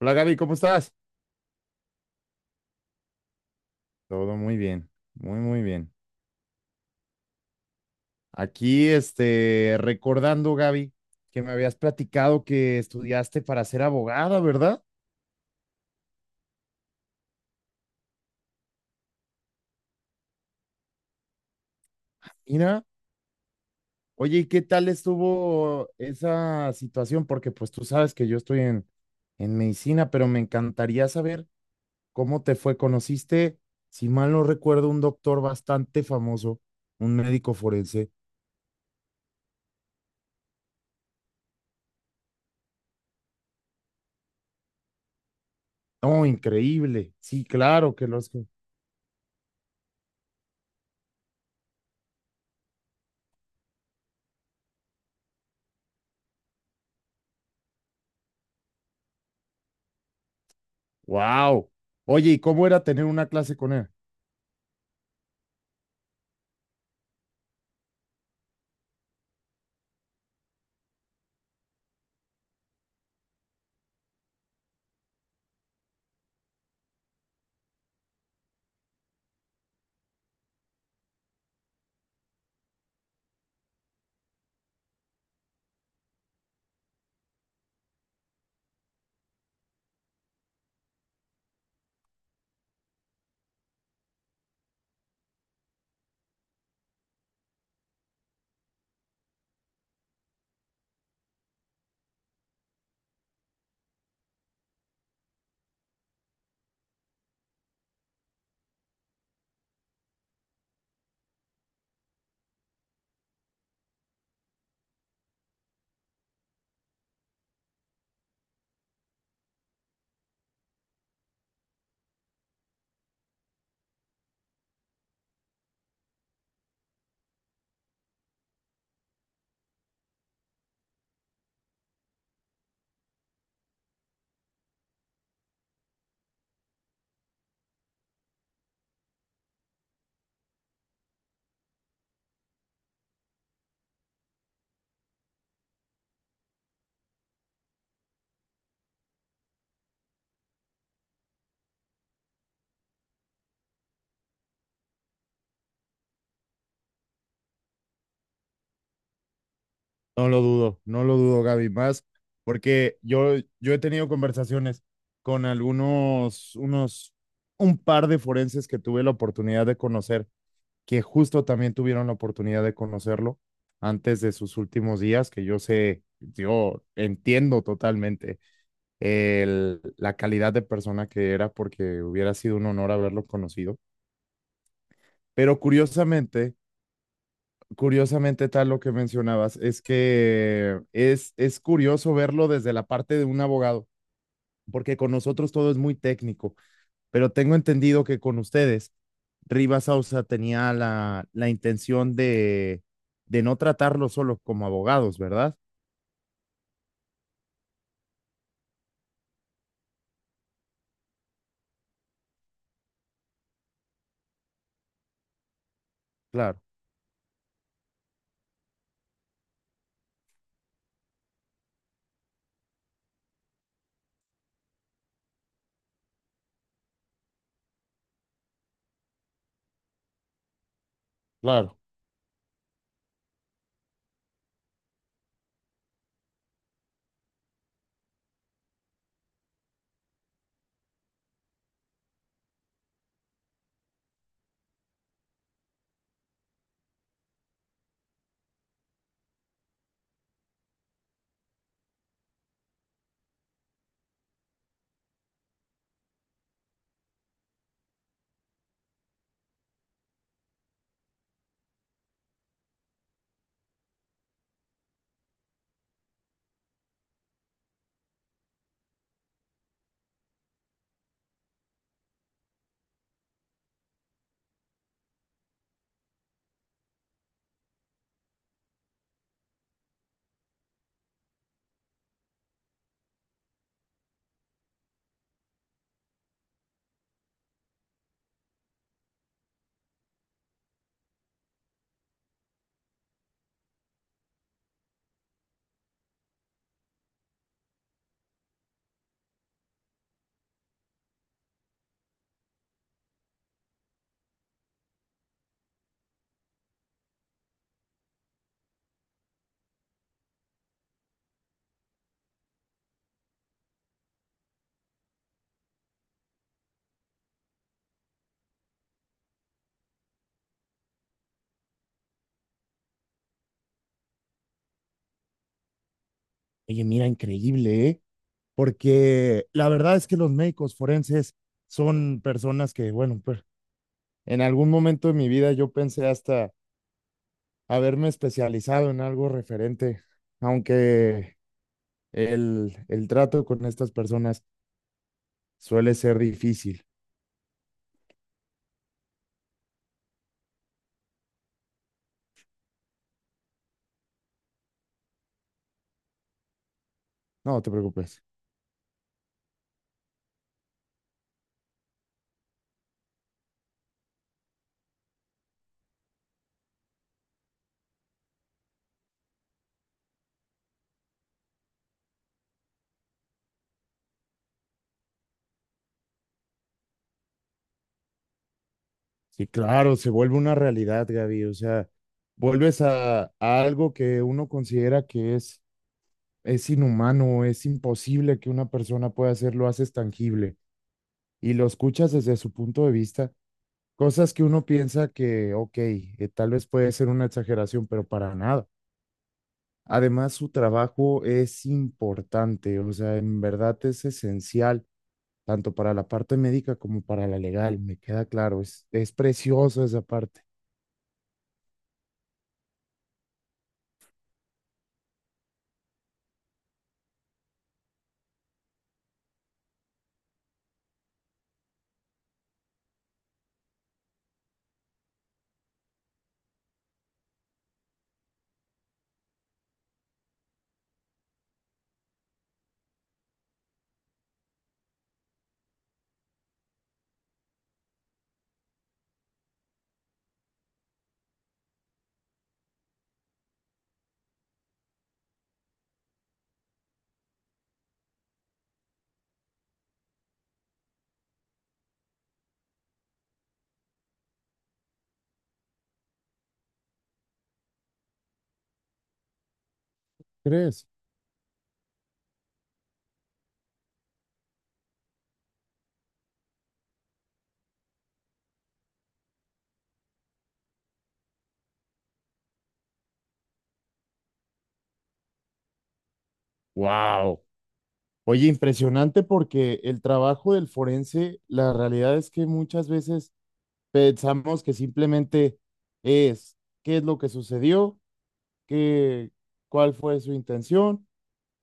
Hola Gaby, ¿cómo estás? Todo muy bien, muy muy bien. Aquí, recordando Gaby, que me habías platicado que estudiaste para ser abogada, ¿verdad? Mira, oye, ¿y qué tal estuvo esa situación? Porque pues tú sabes que yo estoy en medicina, pero me encantaría saber cómo te fue. Conociste, si mal no recuerdo, un doctor bastante famoso, un médico forense. Oh, increíble. Sí, claro que los... Wow. Oye, ¿y cómo era tener una clase con él? No lo dudo, no lo dudo, Gaby, más porque yo he tenido conversaciones con un par de forenses que tuve la oportunidad de conocer, que justo también tuvieron la oportunidad de conocerlo antes de sus últimos días, que yo sé, yo entiendo totalmente la calidad de persona que era porque hubiera sido un honor haberlo conocido. Pero tal lo que mencionabas, es que es curioso verlo desde la parte de un abogado, porque con nosotros todo es muy técnico, pero tengo entendido que con ustedes, Rivas Ausa tenía la intención de no tratarlo solo como abogados, ¿verdad? Claro, claro. Oye, mira, increíble, ¿eh? Porque la verdad es que los médicos forenses son personas que, bueno, pues en algún momento de mi vida yo pensé hasta haberme especializado en algo referente, aunque el trato con estas personas suele ser difícil. No te preocupes. Sí, claro, se vuelve una realidad, Gaby. O sea, vuelves a algo que uno considera que es inhumano, es imposible que una persona pueda hacer, lo haces tangible y lo escuchas desde su punto de vista. Cosas que uno piensa que, ok, tal vez puede ser una exageración, pero para nada. Además, su trabajo es importante, o sea, en verdad es esencial, tanto para la parte médica como para la legal, me queda claro, es precioso esa parte, ¿crees? Wow. Oye, impresionante porque el trabajo del forense, la realidad es que muchas veces pensamos que simplemente es qué es lo que sucedió, qué, cuál fue su intención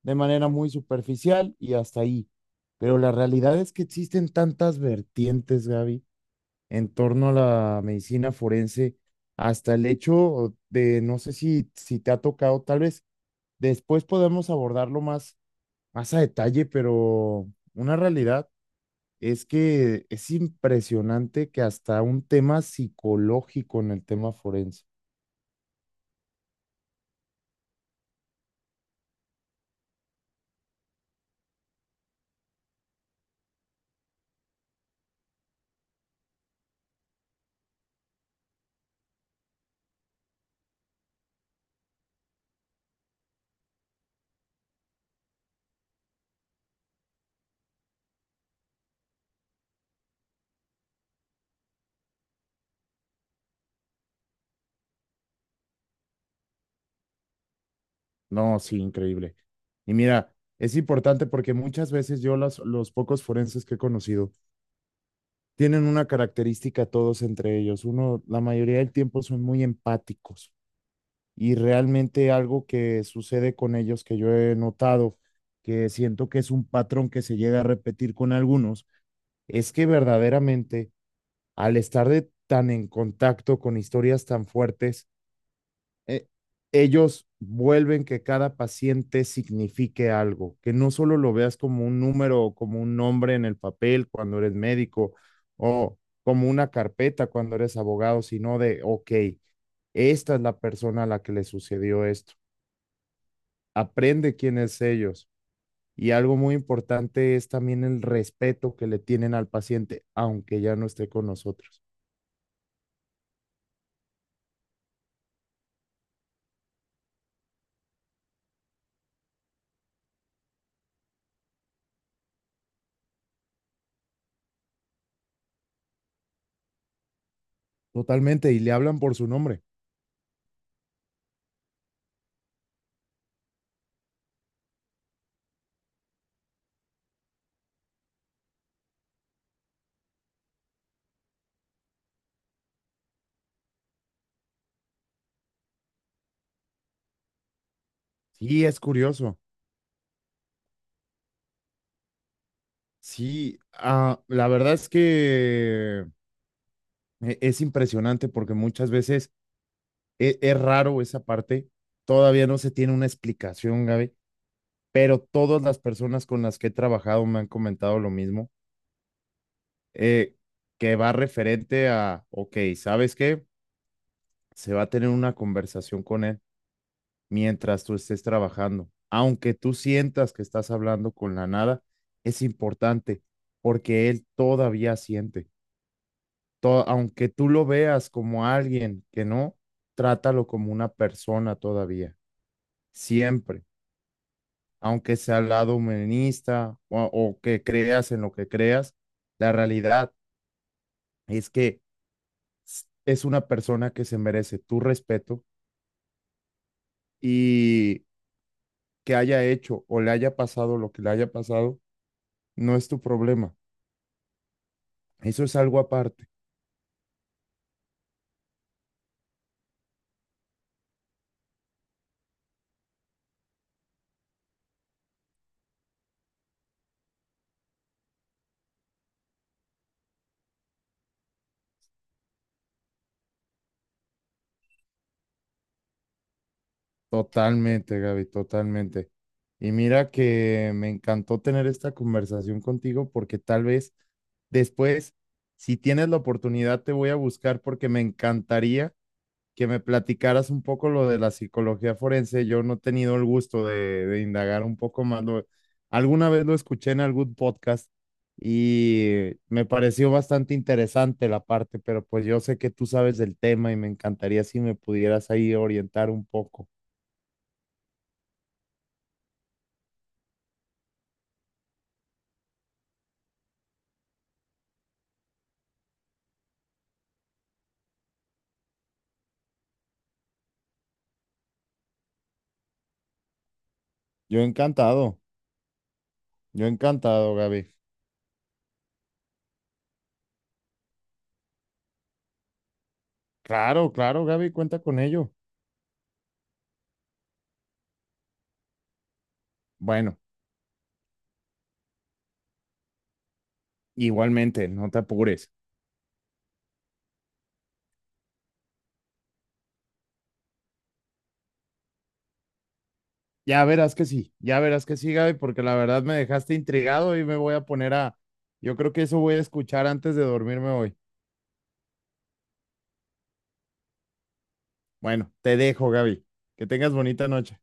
de manera muy superficial y hasta ahí. Pero la realidad es que existen tantas vertientes, Gaby, en torno a la medicina forense, hasta el hecho de, no sé si te ha tocado, tal vez después podemos abordarlo más, más a detalle, pero una realidad es que es impresionante que hasta un tema psicológico en el tema forense. No, sí, increíble. Y mira, es importante porque muchas veces yo los pocos forenses que he conocido tienen una característica todos entre ellos. Uno, la mayoría del tiempo son muy empáticos y realmente algo que sucede con ellos que yo he notado, que siento que es un patrón que se llega a repetir con algunos, es que verdaderamente al estar tan en contacto con historias tan fuertes, eh, ellos vuelven que cada paciente signifique algo, que no solo lo veas como un número o como un nombre en el papel cuando eres médico o como una carpeta cuando eres abogado, sino de, ok, esta es la persona a la que le sucedió esto. Aprende quién es ellos. Y algo muy importante es también el respeto que le tienen al paciente, aunque ya no esté con nosotros. Totalmente, y le hablan por su nombre. Sí, es curioso. Sí, ah, la verdad es que es impresionante porque muchas veces es, raro esa parte, todavía no se tiene una explicación, Gaby, pero todas las personas con las que he trabajado me han comentado lo mismo, eh, que va referente a, ok, ¿sabes qué? Se va a tener una conversación con él mientras tú estés trabajando, aunque tú sientas que estás hablando con la nada, es importante porque él todavía siente. Aunque tú lo veas como alguien que no, trátalo como una persona todavía, siempre, aunque sea al lado humanista o que creas en lo que creas, la realidad es que es una persona que se merece tu respeto y que haya hecho o le haya pasado lo que le haya pasado, no es tu problema. Eso es algo aparte. Totalmente, Gaby, totalmente. Y mira que me encantó tener esta conversación contigo porque tal vez después, si tienes la oportunidad, te voy a buscar porque me encantaría que me platicaras un poco lo de la psicología forense. Yo no he tenido el gusto de indagar un poco más. Alguna vez lo escuché en algún podcast y me pareció bastante interesante la parte, pero pues yo sé que tú sabes del tema y me encantaría si me pudieras ahí orientar un poco. Yo encantado, yo encantado, Gaby. Claro, claro, Gaby, cuenta con ello. Bueno, igualmente, no te apures. Ya verás que sí, ya verás que sí, Gaby, porque la verdad me dejaste intrigado y me voy a poner a... Yo creo que eso voy a escuchar antes de dormirme hoy. Bueno, te dejo, Gaby. Que tengas bonita noche.